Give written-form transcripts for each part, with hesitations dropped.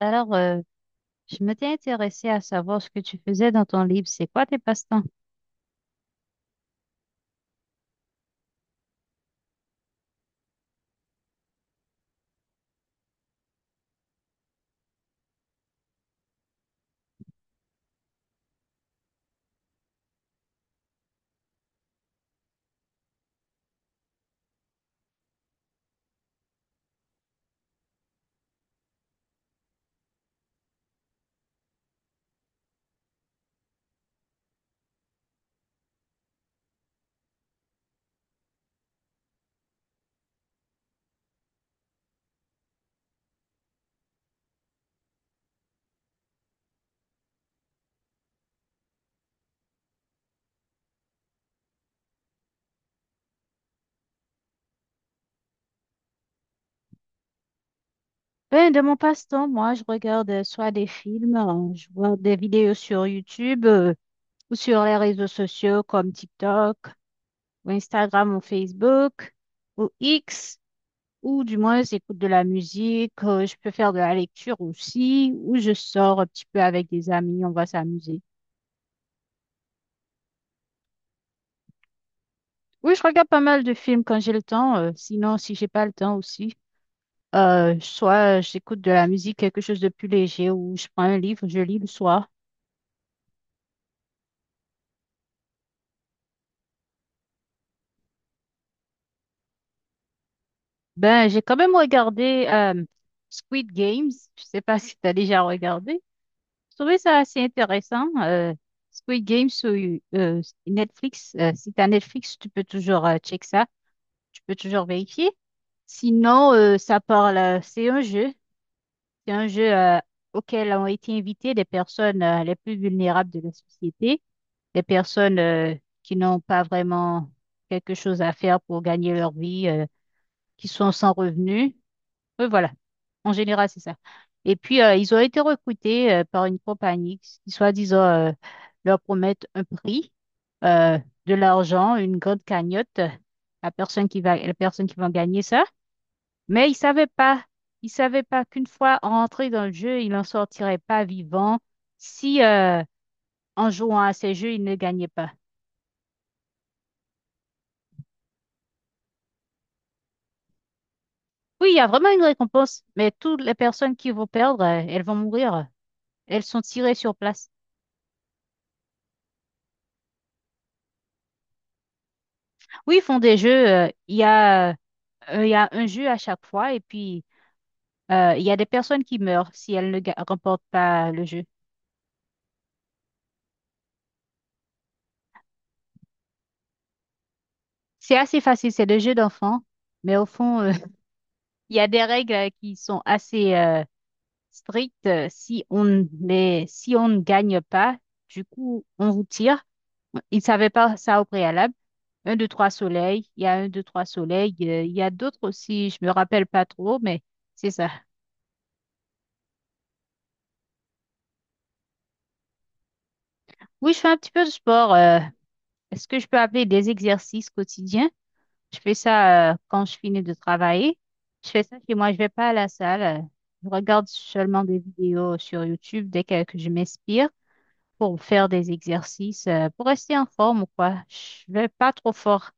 Alors, euh, je m'étais intéressée à savoir ce que tu faisais dans ton livre. C'est quoi tes passe-temps? Ben, de mon passe-temps, moi, je regarde soit des films, je vois des vidéos sur YouTube, ou sur les réseaux sociaux comme TikTok, ou Instagram, ou Facebook, ou X, ou du moins, j'écoute de la musique, je peux faire de la lecture aussi, ou je sors un petit peu avec des amis, on va s'amuser. Oui, je regarde pas mal de films quand j'ai le temps, sinon, si j'ai pas le temps aussi. Soit j'écoute de la musique, quelque chose de plus léger, ou je prends un livre, je lis le soir. Ben, j'ai quand même regardé Squid Games. Je sais pas si tu as déjà regardé. Je trouvais ça assez intéressant. Squid Games sur euh, Netflix. Si tu as Netflix, tu peux toujours check ça. Tu peux toujours vérifier. Sinon, ça parle, c'est un jeu. C'est un jeu auquel ont été invitées des personnes, les plus vulnérables de la société. Les personnes qui n'ont pas vraiment quelque chose à faire pour gagner leur vie, qui sont sans revenus. Oui, voilà. En général, c'est ça. Et puis, ils ont été recrutés par une compagnie qui, soi-disant, leur promettent un prix, euh, de l'argent, une grande cagnotte, la personne qui va gagner ça. Mais ils savaient pas qu'une fois rentrés dans le jeu, ils n'en sortiraient pas vivants si, en jouant à ces jeux, ils ne gagnaient pas. Oui, il y a vraiment une récompense, mais toutes les personnes qui vont perdre, elles vont mourir. Elles sont tirées sur place. Oui, ils font des jeux. Il y a un jeu à chaque fois et puis il y a des personnes qui meurent si elles ne ga- remportent pas le jeu. C'est assez facile, c'est des jeux d'enfants, mais au fond, il y a des règles qui sont assez strictes. Si on ne gagne pas, du coup, on vous tire. Ils ne savaient pas ça au préalable. Un, deux, trois soleils. Il y a un, deux, trois soleils. Il y a d'autres aussi. Je me rappelle pas trop, mais c'est ça. Oui, je fais un petit peu de sport. Est-ce que je peux appeler des exercices quotidiens? Je fais ça quand je finis de travailler. Je fais ça chez moi. Je vais pas à la salle. Je regarde seulement des vidéos sur YouTube dès que je m'inspire pour faire des exercices, pour rester en forme ou quoi. Je vais pas trop fort.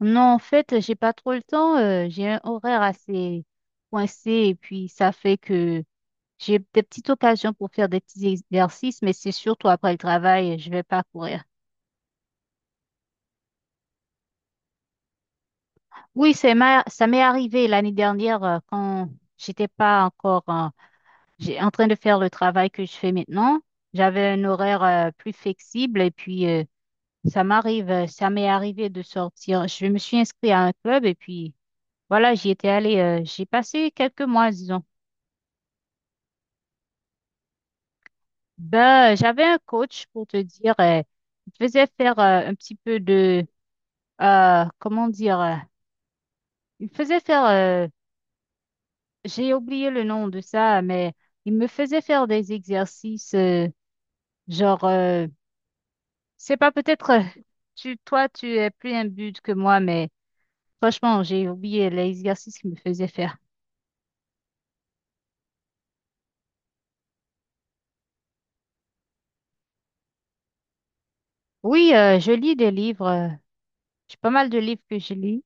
Non, en fait, j'ai pas trop le temps. J'ai un horaire assez coincé et puis ça fait que j'ai des petites occasions pour faire des petits exercices, mais c'est surtout après le travail, je vais pas courir. Oui, ça m'est arrivé l'année dernière quand j'étais pas encore en train de faire le travail que je fais maintenant. J'avais un horaire plus flexible et puis ça m'est arrivé de sortir. Je me suis inscrite à un club et puis voilà, j'y étais allée. J'ai passé quelques mois, disons. Ben, j'avais un coach pour te dire, il te faisait faire un petit peu de comment dire. Il faisait faire, j'ai oublié le nom de ça, mais il me faisait faire des exercices, genre, c'est pas peut-être, toi, tu es plus imbude que moi, mais franchement, j'ai oublié l'exercice qu'il me faisait faire. Oui, je lis des livres, j'ai pas mal de livres que je lis.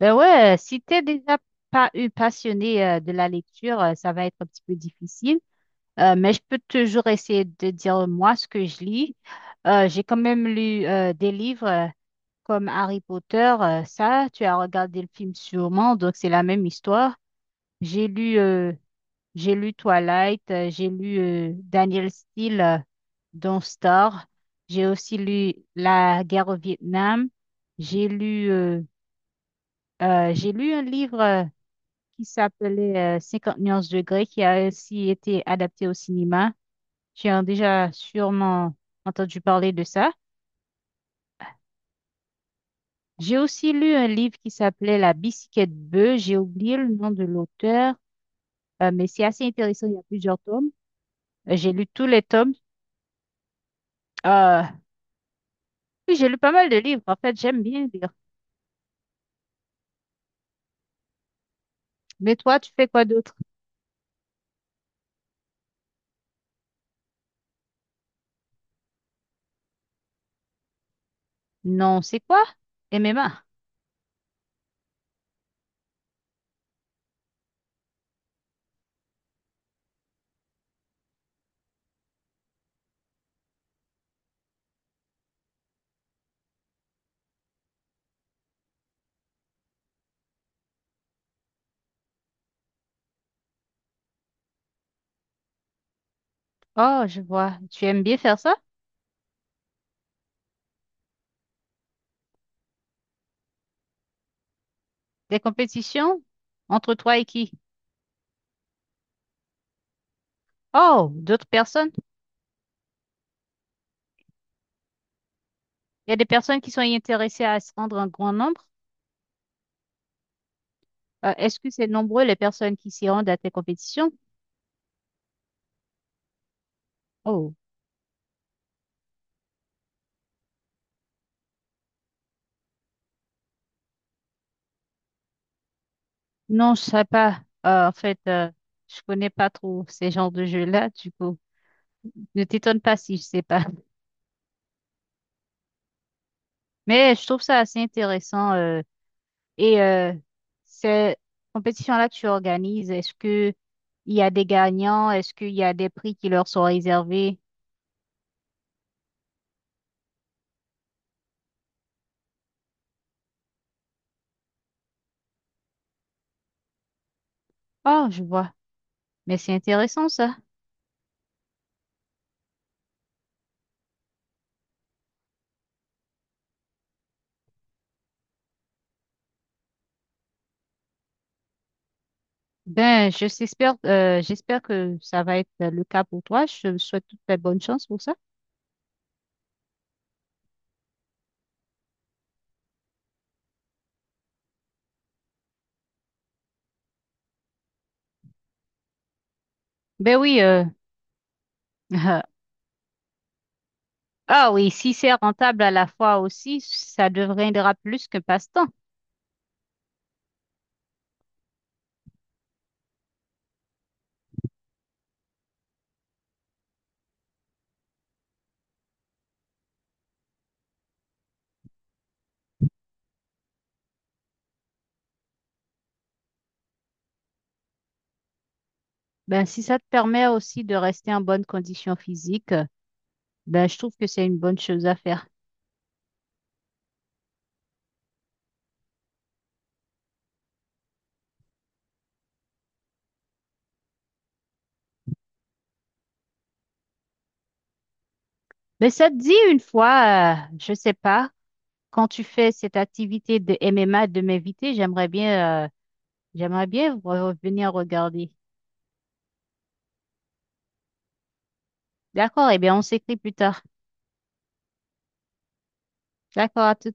Ben ouais, si t'es déjà pas eu passionné, de la lecture, ça va être un petit peu difficile. Mais je peux toujours essayer de dire moi ce que je lis. J'ai quand même lu, des livres. Comme Harry Potter, ça, tu as regardé le film sûrement, donc c'est la même histoire. J'ai lu, euh, j'ai lu Twilight, j'ai lu Daniel Steele dans Star, j'ai aussi lu La guerre au Vietnam, j'ai lu, euh, j'ai lu un livre qui s'appelait 50 nuances de Grey qui a aussi été adapté au cinéma. Tu as déjà sûrement entendu parler de ça. J'ai aussi lu un livre qui s'appelait La bicyclette bleue. J'ai oublié le nom de l'auteur, mais c'est assez intéressant. Il y a plusieurs tomes. J'ai lu tous les tomes. Euh, oui, j'ai lu pas mal de livres. En fait, j'aime bien lire. Mais toi, tu fais quoi d'autre? Non, c'est quoi? MMA. Oh, je vois. Tu aimes bien faire ça? Des compétitions? Entre toi et qui? Oh, d'autres personnes? Il y a des personnes qui sont intéressées à se rendre en grand nombre. Est-ce que c'est nombreux les personnes qui s'y rendent à tes compétitions? Oh, non, je sais pas. En fait, je connais pas trop ces genres de jeux-là, du coup. Ne t'étonne pas si je sais pas. Mais je trouve ça assez intéressant. Et ces compétitions-là que tu organises, est-ce que il y a des gagnants? Est-ce qu'il y a des prix qui leur sont réservés? Oh, je vois. Mais c'est intéressant ça. Ben, je s'espère, j'espère que ça va être le cas pour toi. Je te souhaite toute la bonne chance pour ça. Ben oui, Ah oui, si c'est rentable à la fois aussi, ça deviendra plus que passe-temps. Ben, si ça te permet aussi de rester en bonne condition physique, ben, je trouve que c'est une bonne chose à faire. Mais ça te dit une fois, je sais pas, quand tu fais cette activité de MMA de m'inviter, j'aimerais bien, revenir regarder. D'accord, eh bien, on s'écrit plus tard. D'accord, à tout.